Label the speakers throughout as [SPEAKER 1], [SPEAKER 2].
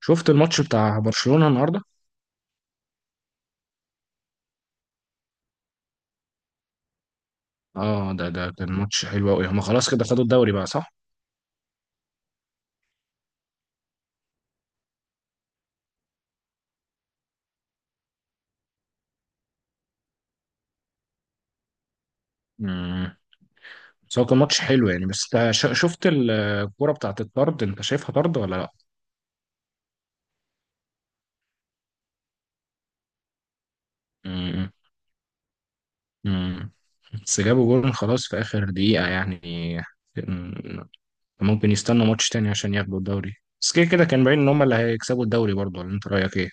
[SPEAKER 1] شفت الماتش بتاع برشلونة النهارده. اه ده كان ماتش حلو قوي. هما خلاص كده خدوا الدوري بقى، صح؟ امم بس هو كان ماتش حلو يعني. بس انت شفت الكوره بتاعت الطرد، انت شايفها طرد ولا لا؟ امم امم بس جابوا جول خلاص في اخر دقيقة يعني. كان- ممكن يستنوا ماتش تاني عشان ياخدوا الدوري. بس كده كده كان باين ان هما اللي هيكسبوا الدوري برضه، ولا انت رايك ايه؟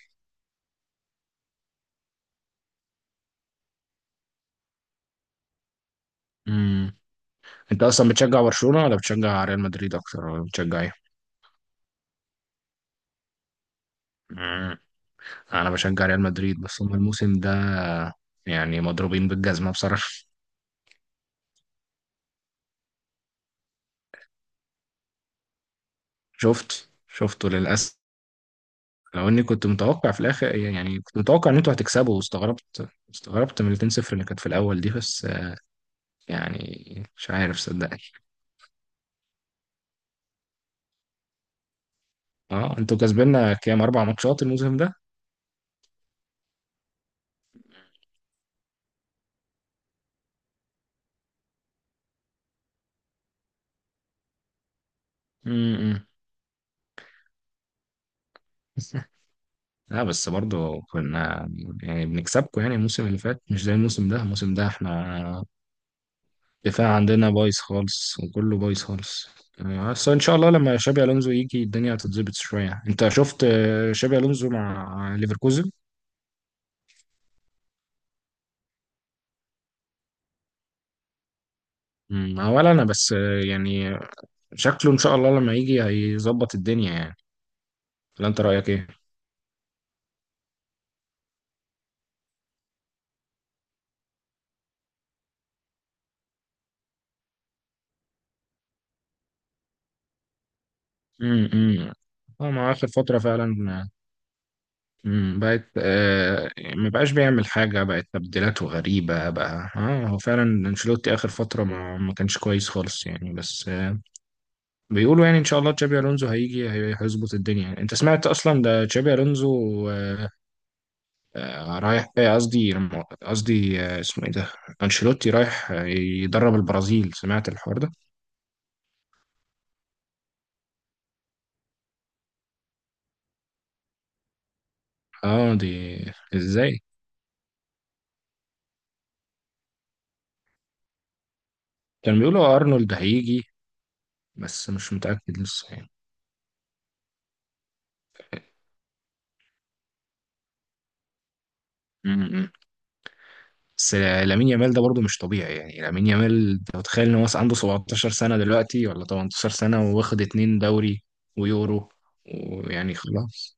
[SPEAKER 1] امم انت اصلا بتشجع برشلونة ولا بتشجع ريال مدريد اكتر ولا بتشجع ايه؟ انا بشجع ريال مدريد، بس هم الموسم ده يعني مضروبين بالجزمة بصراحة. شفت، شفته للأسف. لو اني كنت متوقع في الاخر يعني، كنت متوقع ان انتوا هتكسبوا، واستغربت، استغربت من ال 2-0 اللي كانت في الاول دي. بس يعني مش عارف صدقني. اه انتوا كسبنا كام، 4 ماتشات الموسم ده؟ امم لا بس برضه كنا يعني بنكسبكم يعني. الموسم اللي فات مش زي الموسم ده. الموسم ده احنا الدفاع عندنا بايظ خالص وكله بايظ خالص يعني. بس ان شاء الله لما شابي الونزو يجي الدنيا هتتظبط شويه. انت شفت شابي الونزو مع ليفركوزن؟ ولا انا. بس يعني شكله ان شاء الله لما يجي هيظبط الدنيا يعني. ولا انت رايك ايه؟ امم امم هو مع اخر فتره فعلا. بقت آه، ما بقاش بيعمل حاجه، بقت تبديلاته غريبه بقى. اه هو فعلا انشيلوتي اخر فتره ما كانش كويس خالص يعني. بس بيقولوا يعني ان شاء الله تشابي الونزو هيجي هيظبط الدنيا يعني. انت سمعت اصلا ده تشابي الونزو رايح، قصدي قصدي، اسمه ايه ده، انشيلوتي رايح يدرب البرازيل، سمعت الحوار ده؟ اه دي. ازاي؟ كان بيقولوا ارنولد هيجي، بس مش متاكد لسه يعني. م-م. بس لامين يامال ده برضه مش طبيعي يعني. لامين يامال انت متخيل ان هو عنده 17 سنه دلوقتي ولا 18 سنه، واخد 2 دوري ويورو ويعني خلاص.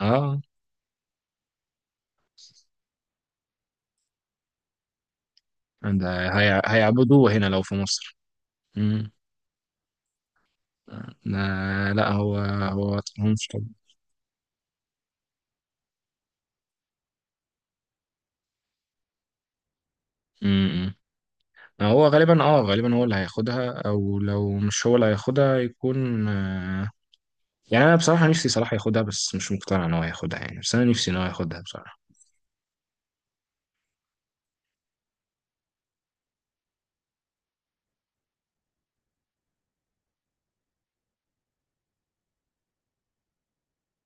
[SPEAKER 1] اه ده هيعبدوه هنا لو في مصر. امم لا لا، هو هو مش طبيعي. امم هو غالبا، اه غالبا هو اللي هياخدها، او لو مش هو اللي هياخدها يكون يعني. انا بصراحة نفسي صلاح ياخدها، بس مش مقتنع ان هو ياخدها يعني. بس انا نفسي ان هو ياخدها بصراحة.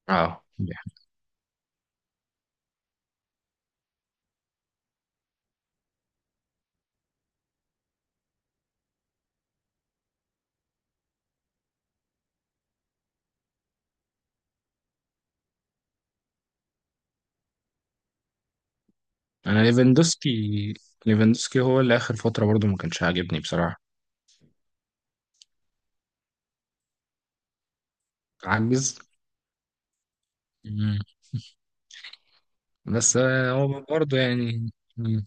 [SPEAKER 1] اه انا ليفاندوسكي، ليفاندوسكي هو اللي اخر فترة برضو ما كانش عاجبني بصراحة. عجز. مم. بس هو برضو يعني. مم.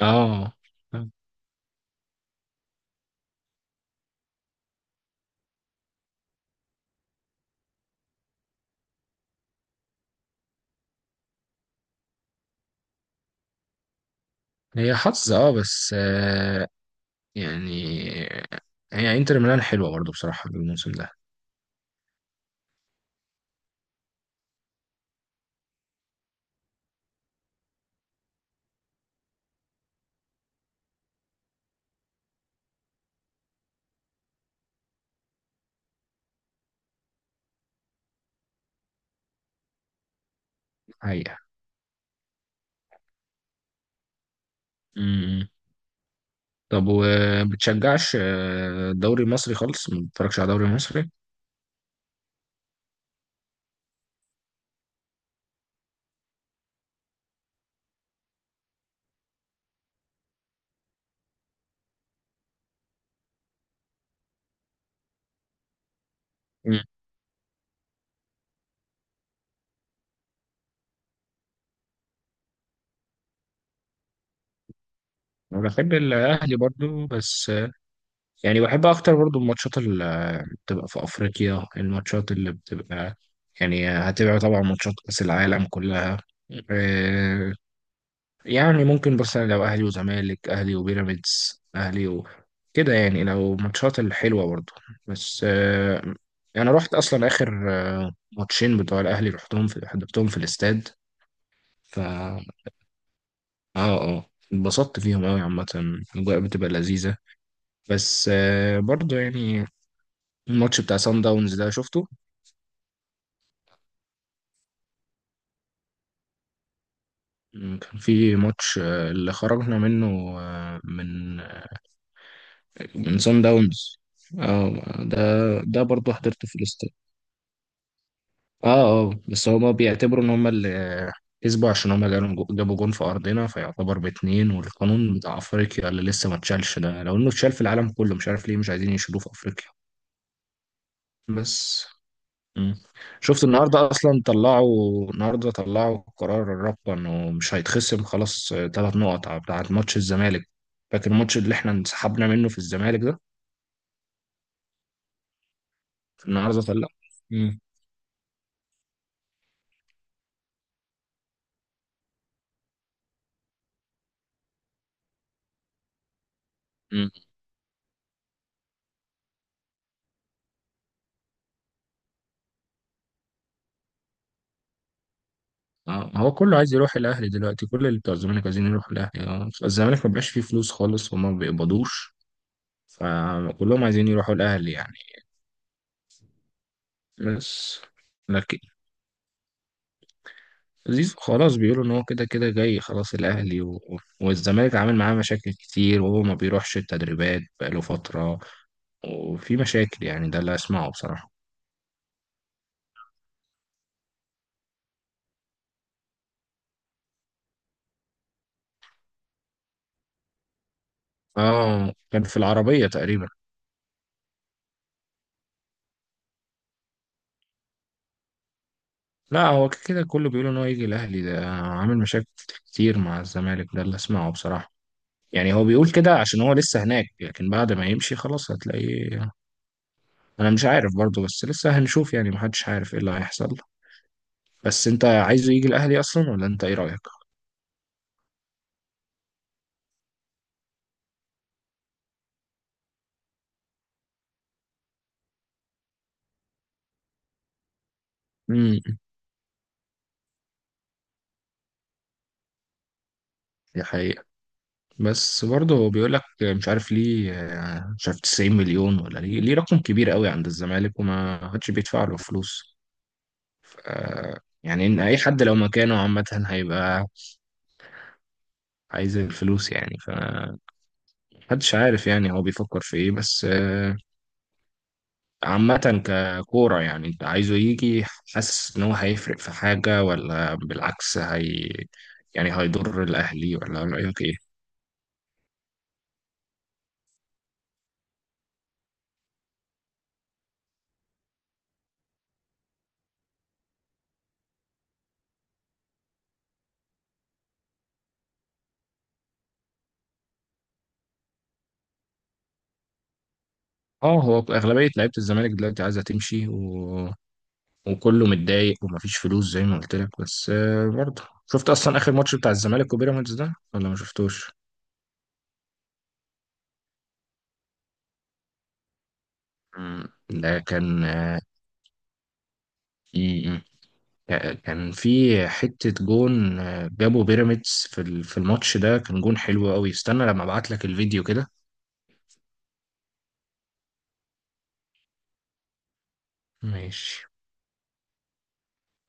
[SPEAKER 1] اه هي حظ، اه بس يعني هي انتر ميلان حلوة برضو بصراحة الموسم ده. حقيقة. امم طب وبتشجعش الدوري المصري خالص؟ ما بتتفرجش على الدوري المصري؟ امم أنا بحب الأهلي برضو، بس يعني بحب أكتر برضو الماتشات اللي بتبقى في أفريقيا، الماتشات اللي بتبقى يعني هتبقى طبعا ماتشات كأس العالم كلها يعني. ممكن بس أنا لو اهلي وزمالك، اهلي وبيراميدز، اهلي و... كده يعني، لو ماتشات الحلوه برضو. بس انا رحت اصلا اخر 2 ماتش بتوع الاهلي، رحتهم، في حضرتهم في الاستاد. ف اه، اه اتبسطت فيهم قوي عامه. الاجواء بتبقى لذيذه. بس برضو يعني الماتش بتاع سان داونز ده شفته؟ م، كان في ماتش اللي خرجنا منه، من من سان داونز. اه ده، ده برضو حضرته في الاستاد. اه اه، بس هما بيعتبروا ان هما اللي كسبوا، عشان هما جابوا جابوا جون في ارضنا، فيعتبر باتنين. والقانون بتاع افريقيا اللي لسه ما اتشالش ده، لو انه اتشال في العالم كله مش عارف ليه مش عايزين يشيلوه في افريقيا. بس مم. شفت النهارده اصلا طلعوا، النهارده طلعوا قرار الرابطه انه مش هيتخصم خلاص 3 نقط بتاعت ماتش الزمالك؟ فاكر الماتش اللي احنا انسحبنا منه في الزمالك ده؟ النهارده طلع. مم. اه هو كله عايز يروح الاهلي دلوقتي. كل اللي بتوع الزمالك عايزين يروحوا الاهلي. اه الزمالك ما بقاش فيه فلوس خالص وما بيقبضوش. فكلهم عايزين يروحوا الاهلي يعني. بس لكن زيزو، خلاص بيقولوا ان هو كده كده جاي خلاص الاهلي و... والزمالك عامل معاه مشاكل كتير، وهو ما بيروحش التدريبات بقاله فترة، وفي مشاكل يعني. ده اللي اسمعه بصراحة. اه كان في العربية تقريبا. لا هو كده كله بيقولوا ان هو يجي الاهلي، ده عامل مشاكل كتير مع الزمالك. ده اللي اسمعه بصراحة. يعني هو بيقول كده عشان هو لسه هناك، لكن بعد ما يمشي خلاص هتلاقيه. انا مش عارف برضه، بس لسه هنشوف يعني، محدش عارف ايه اللي هيحصل. بس انت عايزه يجي الاهلي اصلا ولا انت ايه رايك؟ امم دي حقيقة. بس برضه هو بيقول لك مش عارف ليه، مش عارف 90 مليون ولا ليه، ليه رقم كبير قوي عند الزمالك وما حدش بيدفع له فلوس. ف- يعني ان اي حد لو مكانه عامة هيبقى عايز الفلوس يعني. فمحدش عارف يعني هو بيفكر في ايه. بس عامة ككورة يعني، انت عايزه يجي؟ حاسس ان هو هيفرق في حاجة، ولا بالعكس هي يعني هيضر الاهلي، ولا رأيك ايه؟ اه هو اغلبية لعيبة الزمالك دلوقتي عايزة تمشي و... وكله متضايق ومفيش فلوس زي ما قلت لك. بس برضه شفت اصلا اخر ماتش بتاع الزمالك وبيراميدز ده ولا ما شفتوش؟ مم. ده كان في، كان في حتة جون جابه بيراميدز في في الماتش ده، كان جون حلو قوي. استنى لما ابعت لك الفيديو كده. ماشي.